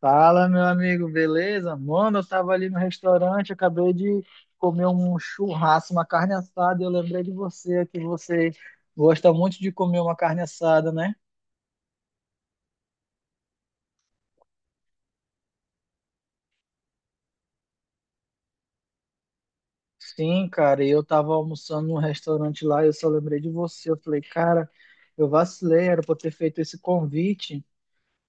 Fala, meu amigo, beleza? Mano, eu tava ali no restaurante, acabei de comer um churrasco, uma carne assada, e eu lembrei de você, que você gosta muito de comer uma carne assada, né? Sim, cara, e eu tava almoçando num restaurante lá, e eu só lembrei de você. Eu falei, cara, eu vacilei, era pra eu ter feito esse convite,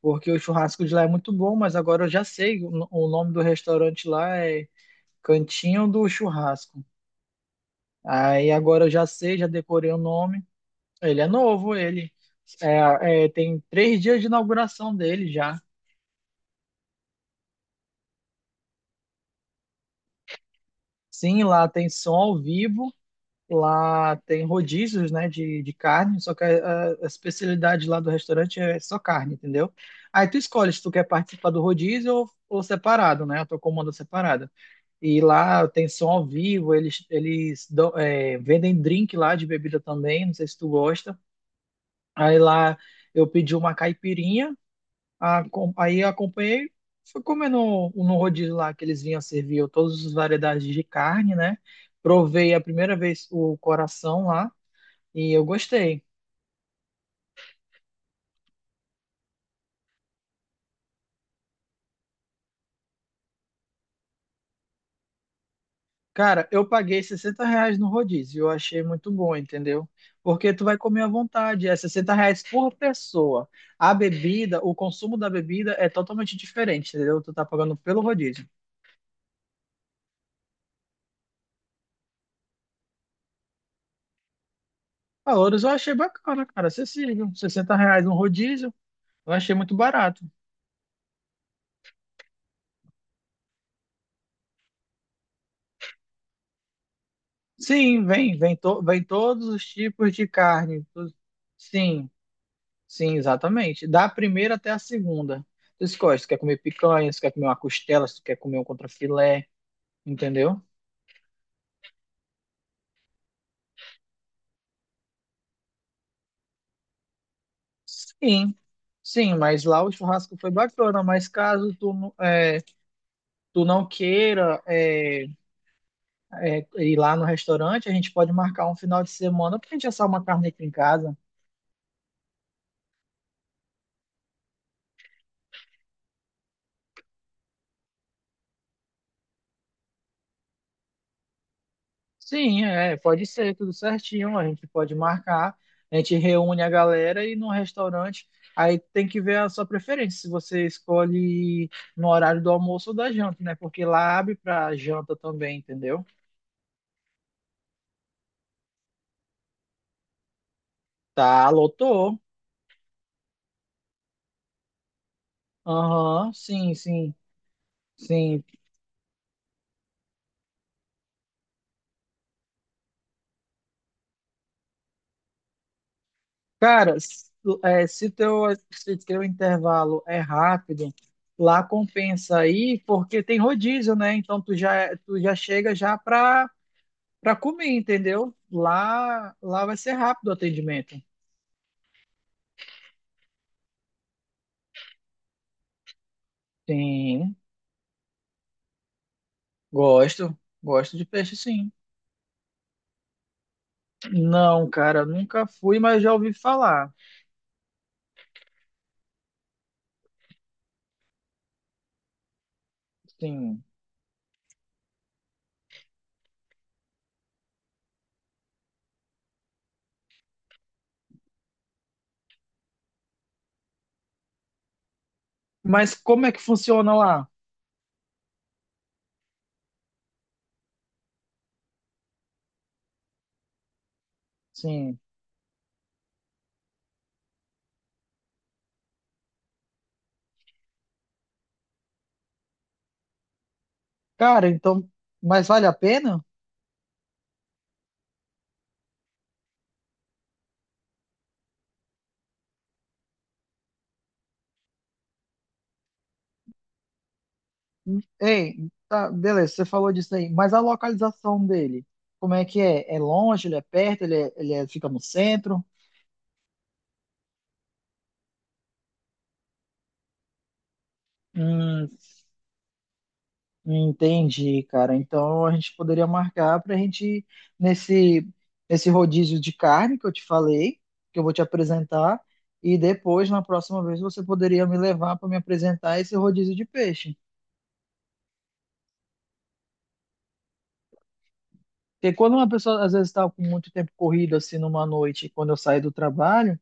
porque o churrasco de lá é muito bom, mas agora eu já sei, o no- o nome do restaurante lá é Cantinho do Churrasco. Aí agora eu já sei, já decorei o nome. Ele é novo, ele tem 3 dias de inauguração dele já. Sim, lá tem som ao vivo, lá tem rodízios, né, de carne, só que a especialidade lá do restaurante é só carne, entendeu? Aí tu escolhe se tu quer participar do rodízio ou separado, né, a tua comanda separada. E lá tem som ao vivo, eles vendem drink lá de bebida também, não sei se tu gosta. Aí lá eu pedi uma caipirinha. Aí eu acompanhei, fui comer no rodízio lá que eles vinham servir eu todas as variedades de carne, né? Provei a primeira vez o coração lá e eu gostei. Cara, eu paguei R$ 60 no rodízio, eu achei muito bom, entendeu? Porque tu vai comer à vontade, é R$ 60 por pessoa. A bebida, o consumo da bebida é totalmente diferente, entendeu? Tu tá pagando pelo rodízio. Valores eu achei bacana, cara, acessível. R$ 60 no rodízio, eu achei muito barato. Sim, vem todos os tipos de carne. Tu- Sim, sim, exatamente. Da primeira até a segunda. Tu escolhe, se tu quer comer picanha, se tu quer comer uma costela, se tu quer comer um contrafilé, entendeu? Sim, sim, mas lá o churrasco foi bacana, mas caso tu, tu não queira ir lá no restaurante, a gente pode marcar um final de semana pra gente assar uma carne aqui em casa. Sim, é, pode ser, tudo certinho. A gente pode marcar, a gente reúne a galera e no restaurante. Aí tem que ver a sua preferência, se você escolhe no horário do almoço ou da janta, né? Porque lá abre pra janta também, entendeu? Tá, lotou. Aham, sim, sim, sim. Cara, se teu intervalo é rápido, lá compensa aí, porque tem rodízio, né? Então tu já, tu já chega já pra para comer, entendeu? Lá vai ser rápido o atendimento. Sim, gosto. Gosto de peixe, sim. Não, cara, nunca fui, mas já ouvi falar. Sim. Mas como é que funciona lá? Sim. Cara, então, mas vale a pena? Ei, tá, beleza, você falou disso aí, mas a localização dele, como é que é? É longe, ele é perto, ele, fica no centro? Hum, Entendi, cara. Então a gente poderia marcar para a gente ir nesse nesse rodízio de carne que eu te falei, que eu vou te apresentar, e depois na próxima vez você poderia me levar para me apresentar esse rodízio de peixe. Porque quando uma pessoa às vezes está com muito tempo corrido assim numa noite, quando eu saio do trabalho,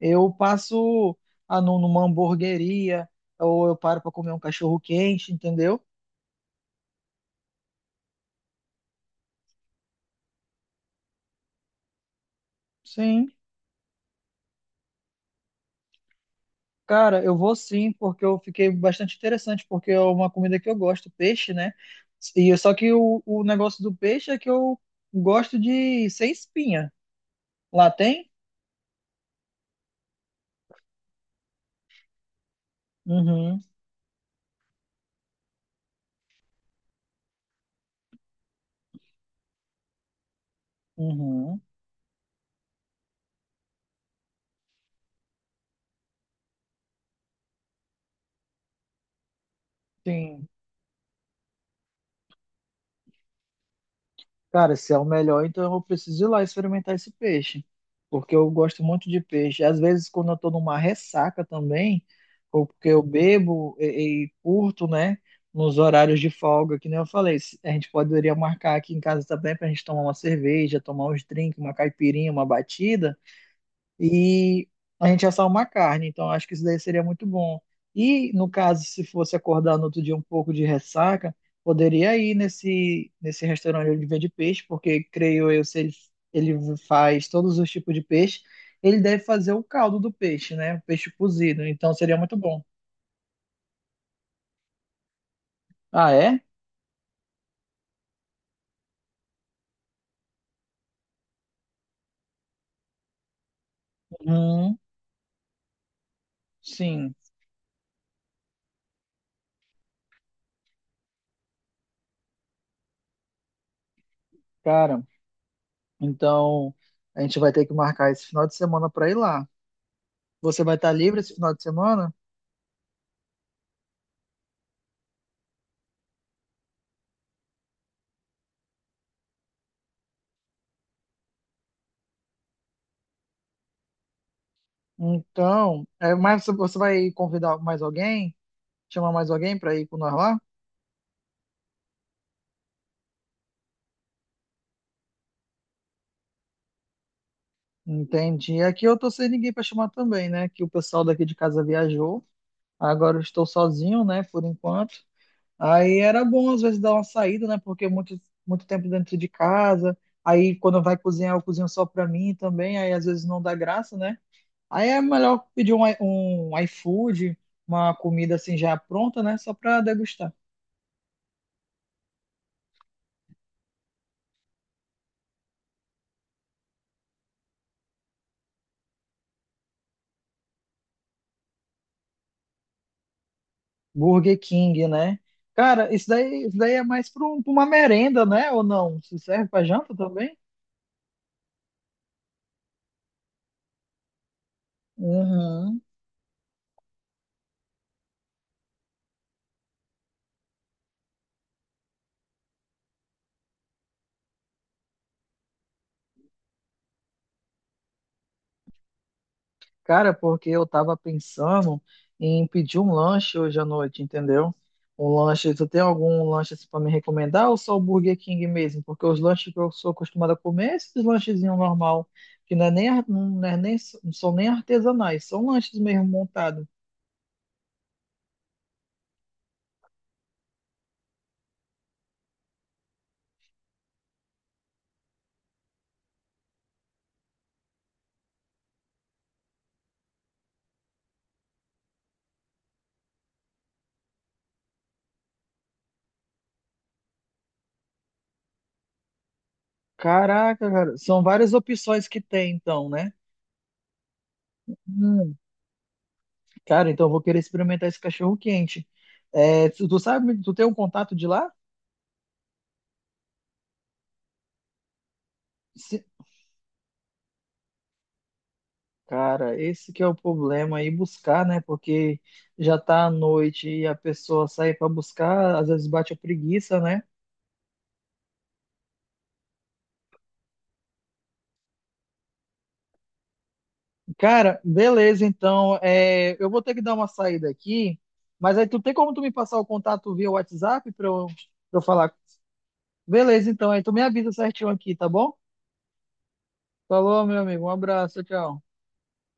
eu passo numa hamburgueria ou eu paro para comer um cachorro quente, entendeu? Sim. Cara, eu vou sim, porque eu fiquei bastante interessante, porque é uma comida que eu gosto, peixe, né? E é só que o negócio do peixe é que eu gosto de sem espinha. Lá tem? Uhum, uhum. Sim. Cara, se é o melhor, então eu preciso ir lá experimentar esse peixe, porque eu gosto muito de peixe. Às vezes, quando eu tô numa ressaca também, ou porque eu bebo e curto, né, nos horários de folga, que nem eu falei, a gente poderia marcar aqui em casa também pra gente tomar uma cerveja, tomar uns drinks, uma caipirinha, uma batida e a gente assar uma carne. Então, acho que isso daí seria muito bom. E, no caso, se fosse acordar no outro dia um pouco de ressaca, poderia ir nesse restaurante onde vende peixe, porque, creio eu, se ele, ele faz todos os tipos de peixe, ele deve fazer o caldo do peixe, né? O peixe cozido. Então, seria muito bom. Ah, é? Hum, sim, cara. Então, a gente vai ter que marcar esse final de semana para ir lá. Você vai estar livre esse final de semana? Então, é, mas você vai convidar mais alguém? Chamar mais alguém para ir com nós lá? Entendi. Aqui eu tô sem ninguém para chamar também, né? Que o pessoal daqui de casa viajou. Agora eu estou sozinho, né? Por enquanto. Aí era bom às vezes dar uma saída, né? Porque muito muito tempo dentro de casa. Aí quando vai cozinhar, eu cozinho só para mim também. Aí às vezes não dá graça, né? Aí é melhor pedir um iFood, uma comida assim já pronta, né? Só para degustar. Burger King, né? Cara, isso daí é mais para uma merenda, né? Ou não? Se serve para janta também? Uhum. Cara, porque eu tava pensando em pedir um lanche hoje à noite, entendeu? Um lanche, tu tem algum lanche assim, para me recomendar ou só o Burger King mesmo? Porque os lanches que eu sou acostumado a comer, é esses lanchezinhos normal, que não é nem, não são nem artesanais, são lanches mesmo montados. Caraca, cara, são várias opções que tem então, né? Cara, então eu vou querer experimentar esse cachorro quente. É, tu sabe, tu tem um contato de lá? Se- Cara, esse que é o problema aí buscar, né? Porque já tá à noite e a pessoa sai pra buscar, às vezes bate a preguiça, né? Cara, beleza, então é, eu vou ter que dar uma saída aqui, mas aí tu tem como tu me passar o contato via WhatsApp pra eu falar? Beleza, então aí tu me avisa certinho aqui, tá bom? Falou, meu amigo, um abraço, tchau.